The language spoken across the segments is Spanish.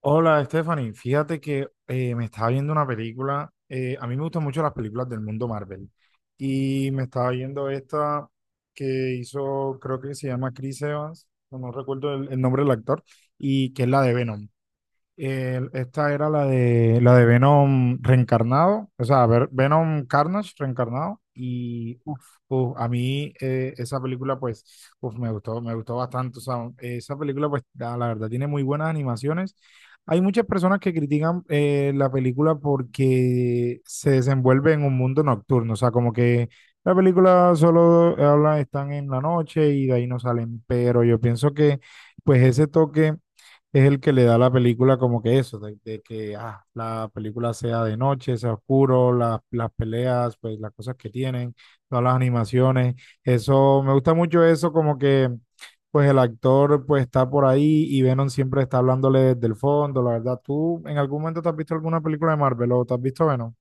Hola, Stephanie. Fíjate que me estaba viendo una película. A mí me gustan mucho las películas del mundo Marvel. Y me estaba viendo esta que hizo, creo que se llama Chris Evans, no, no recuerdo el nombre del actor, y que es la de Venom. Esta era la de Venom reencarnado, o sea, Venom Carnage reencarnado y uf, uf, a mí esa película pues uf, me gustó bastante, o sea, esa película pues la verdad tiene muy buenas animaciones. Hay muchas personas que critican la película porque se desenvuelve en un mundo nocturno, o sea, como que la película solo habla, están en la noche y de ahí no salen, pero yo pienso que pues ese toque es el que le da a la película como que eso, de que ah, la película sea de noche, sea oscuro, las peleas, pues las cosas que tienen, todas las animaciones, eso, me gusta mucho eso, como que pues el actor pues está por ahí y Venom siempre está hablándole desde el fondo, la verdad. ¿Tú en algún momento te has visto alguna película de Marvel o te has visto Venom?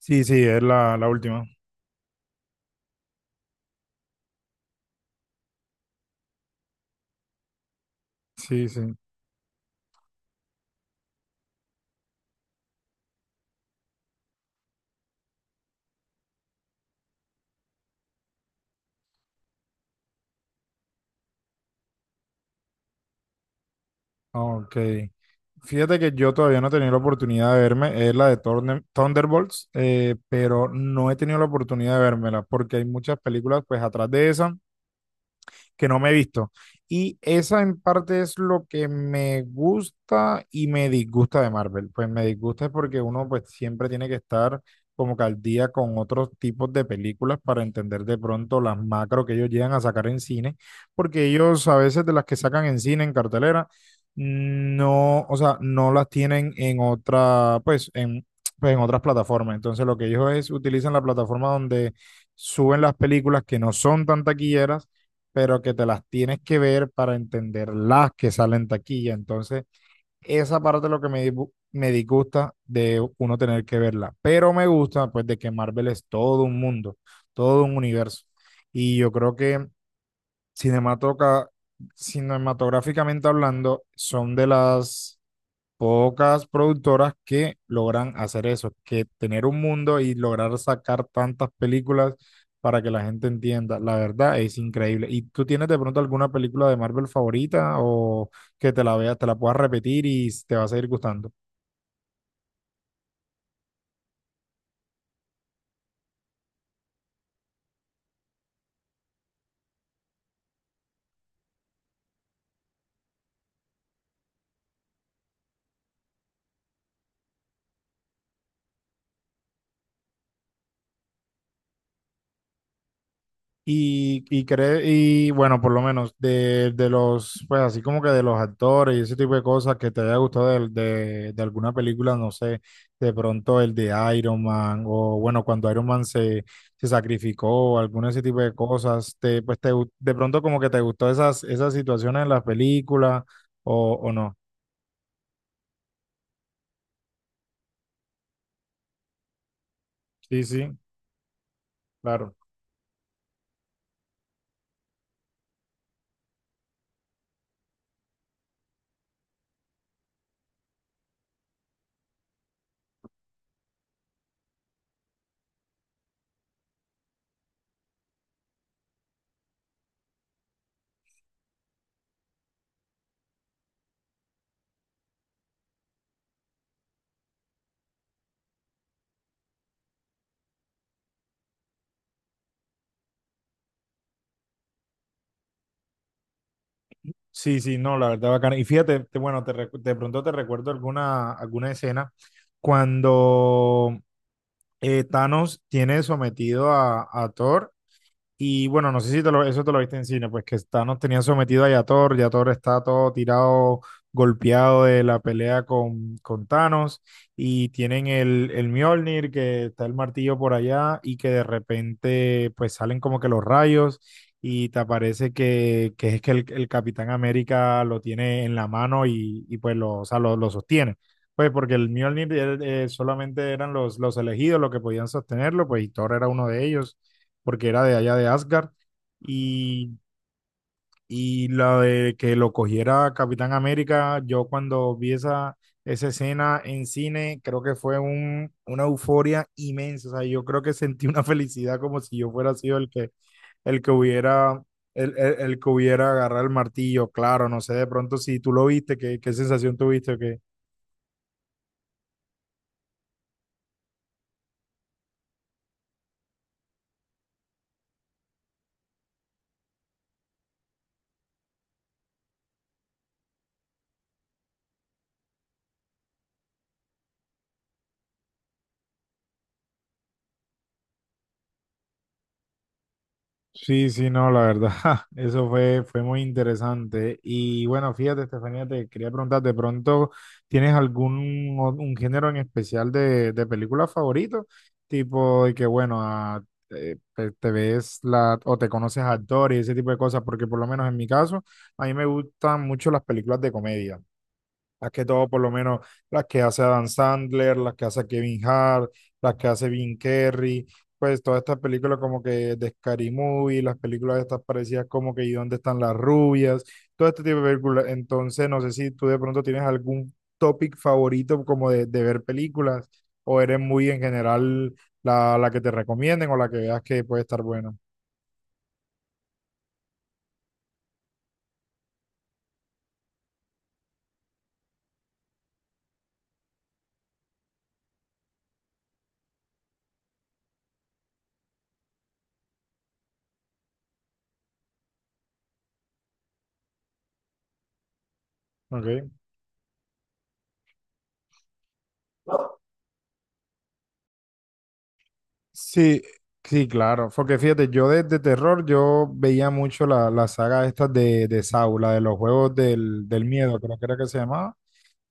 Sí, sí, es la última. Sí, sí. Ok. Fíjate que yo todavía no he tenido la oportunidad de verme, es la de Thunderbolts, pero no he tenido la oportunidad de vérmela porque hay muchas películas pues atrás de esa que no me he visto. Y esa en parte es lo que me gusta y me disgusta de Marvel. Pues me disgusta es porque uno pues siempre tiene que estar como que al día con otros tipos de películas para entender de pronto las macro que ellos llegan a sacar en cine, porque ellos a veces de las que sacan en cine, en cartelera, no, o sea, no las tienen en otra, pues en, pues, en otras plataformas. Entonces lo que ellos es, utilizan la plataforma donde suben las películas que no son tan taquilleras pero que te las tienes que ver para entender las que salen taquilla. Entonces, esa parte es lo que me, me disgusta de uno tener que verla. Pero me gusta, pues, de que Marvel es todo un mundo, todo un universo. Y yo creo que cinematoca- cinematográficamente hablando, son de las pocas productoras que logran hacer eso, que tener un mundo y lograr sacar tantas películas para que la gente entienda. La verdad es increíble. ¿Y tú tienes de pronto alguna película de Marvel favorita o que te la veas, te la puedas repetir y te va a seguir gustando? Y bueno, por lo menos de los, pues así como que de los actores y ese tipo de cosas que te haya gustado de alguna película, no sé, de pronto el de Iron Man o bueno, cuando Iron Man se, se sacrificó, alguno de ese tipo de cosas, te, pues te, de pronto como que te gustó esas, esas situaciones en las películas o no. Sí, sí, claro. Sí, sí, no, la verdad bacana. Y fíjate, bueno, te, de pronto te recuerdo alguna, alguna escena cuando... Thanos tiene sometido a Thor y bueno, no sé si eso te lo viste en cine, pues que está, nos tenían sometido a Yator, Yator está todo tirado, golpeado de la pelea con Thanos, y tienen el Mjolnir, que está el martillo por allá, y que de repente pues salen como que los rayos, y te aparece que es que el Capitán América lo tiene en la mano y pues lo, o sea, lo sostiene. Pues porque el Mjolnir solamente eran los elegidos los que podían sostenerlo, pues y Thor era uno de ellos porque era de allá de Asgard. Y, y la de que lo cogiera Capitán América, yo cuando vi esa, esa escena en cine, creo que fue un, una euforia inmensa. O sea, yo creo que sentí una felicidad como si yo fuera sido el que hubiera, el que hubiera agarrado el martillo. Claro, no sé de pronto si tú lo viste, qué, qué sensación tuviste, o sí, sí, no, la verdad, eso fue, fue muy interesante. Y bueno, fíjate, Estefanía, te quería preguntar, ¿de pronto tienes algún un género en especial de película favorito? Tipo de que, bueno, te, te ves la, o te conoces a actores y ese tipo de cosas, porque por lo menos en mi caso, a mí me gustan mucho las películas de comedia. Más que todo, por lo menos, las que hace Adam Sandler, las que hace Kevin Hart, las que hace Vin Kerry, pues todas estas películas como que de Scary Movie, las películas estas parecidas como que ¿y dónde están las rubias? Todo este tipo de películas. Entonces, no sé si tú de pronto tienes algún topic favorito como de ver películas o eres muy en general la que te recomienden o la que veas que puede estar buena. Ok. Sí, sí, claro. Porque fíjate, yo de terror, yo veía mucho la saga esta de Saw, la de los juegos del miedo, creo que era que se llamaba.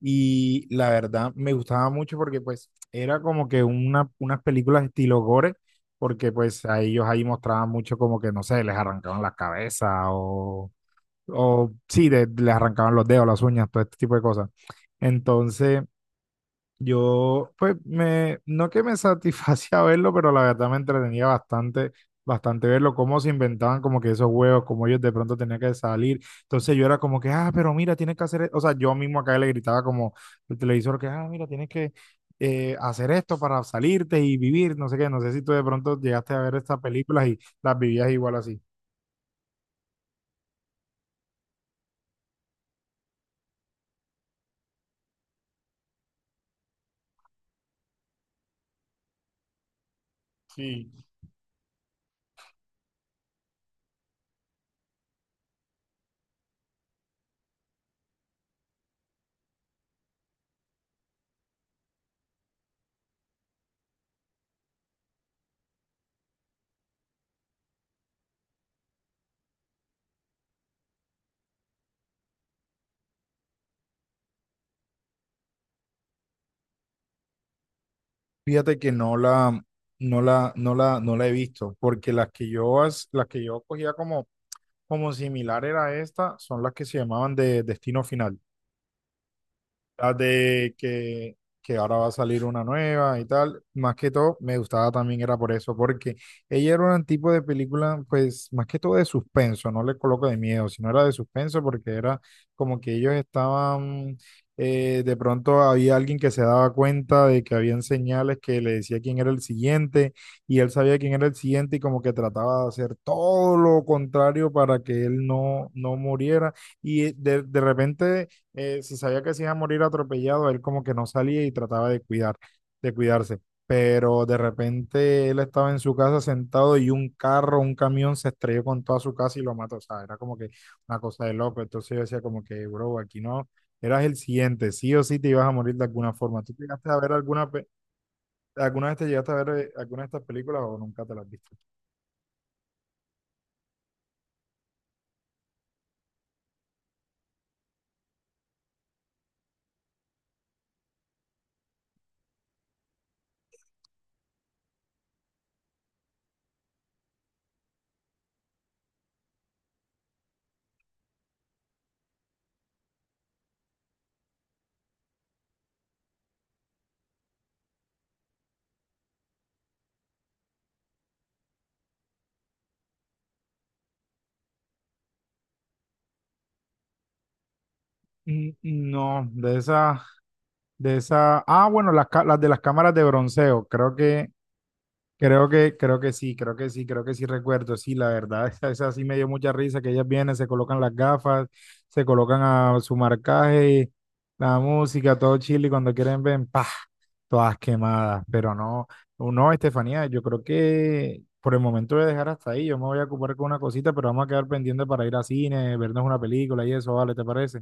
Y la verdad me gustaba mucho porque pues era como que una, unas películas estilo gore, porque pues a ellos ahí mostraban mucho como que, no sé, les arrancaban las cabezas o sí, les arrancaban los dedos, las uñas, todo este tipo de cosas. Entonces... Yo, pues, me, no que me satisfacía verlo, pero la verdad me entretenía bastante, bastante verlo, cómo se inventaban como que esos juegos, cómo ellos de pronto tenían que salir. Entonces yo era como que, ah, pero mira, tienes que hacer, o sea, yo mismo acá le gritaba como el televisor que, ah, mira, tienes que hacer esto para salirte y vivir, no sé qué, no sé si tú de pronto llegaste a ver estas películas y las vivías igual así. Sí. Fíjate que no la he visto, porque las que yo, las que yo cogía como como similar era esta, son las que se llamaban de Destino Final, las de que ahora va a salir una nueva y tal. Más que todo, me gustaba también era por eso, porque ella era un tipo de película, pues más que todo de suspenso, no le coloco de miedo, sino era de suspenso porque era como que ellos estaban, de pronto había alguien que se daba cuenta de que habían señales que le decía quién era el siguiente y él sabía quién era el siguiente y como que trataba de hacer todo lo contrario para que él no, no muriera y de repente si sabía que se iba a morir atropellado, él como que no salía y trataba de cuidar, de cuidarse. Pero de repente él estaba en su casa sentado y un carro, un camión se estrelló con toda su casa y lo mató. O sea, era como que una cosa de loco. Entonces yo decía como que, bro, aquí no, eras el siguiente, sí o sí te ibas a morir de alguna forma. ¿Tú llegaste a ver alguna, alguna vez te llegaste a ver alguna de estas películas o nunca te las viste? Mm, no, de esa, ah, bueno, las, las de las cámaras de bronceo, creo que creo que sí, creo que sí, creo que sí recuerdo, sí, la verdad, esa sí me dio mucha risa, que ellas vienen, se colocan las gafas, se colocan a su marcaje, la música, todo chile, y cuando quieren ven, pa, todas quemadas, pero no, no, Estefanía, yo creo que por el momento voy a dejar hasta ahí, yo me voy a ocupar con una cosita, pero vamos a quedar pendiente para ir a cine, vernos una película y eso, vale, ¿te parece?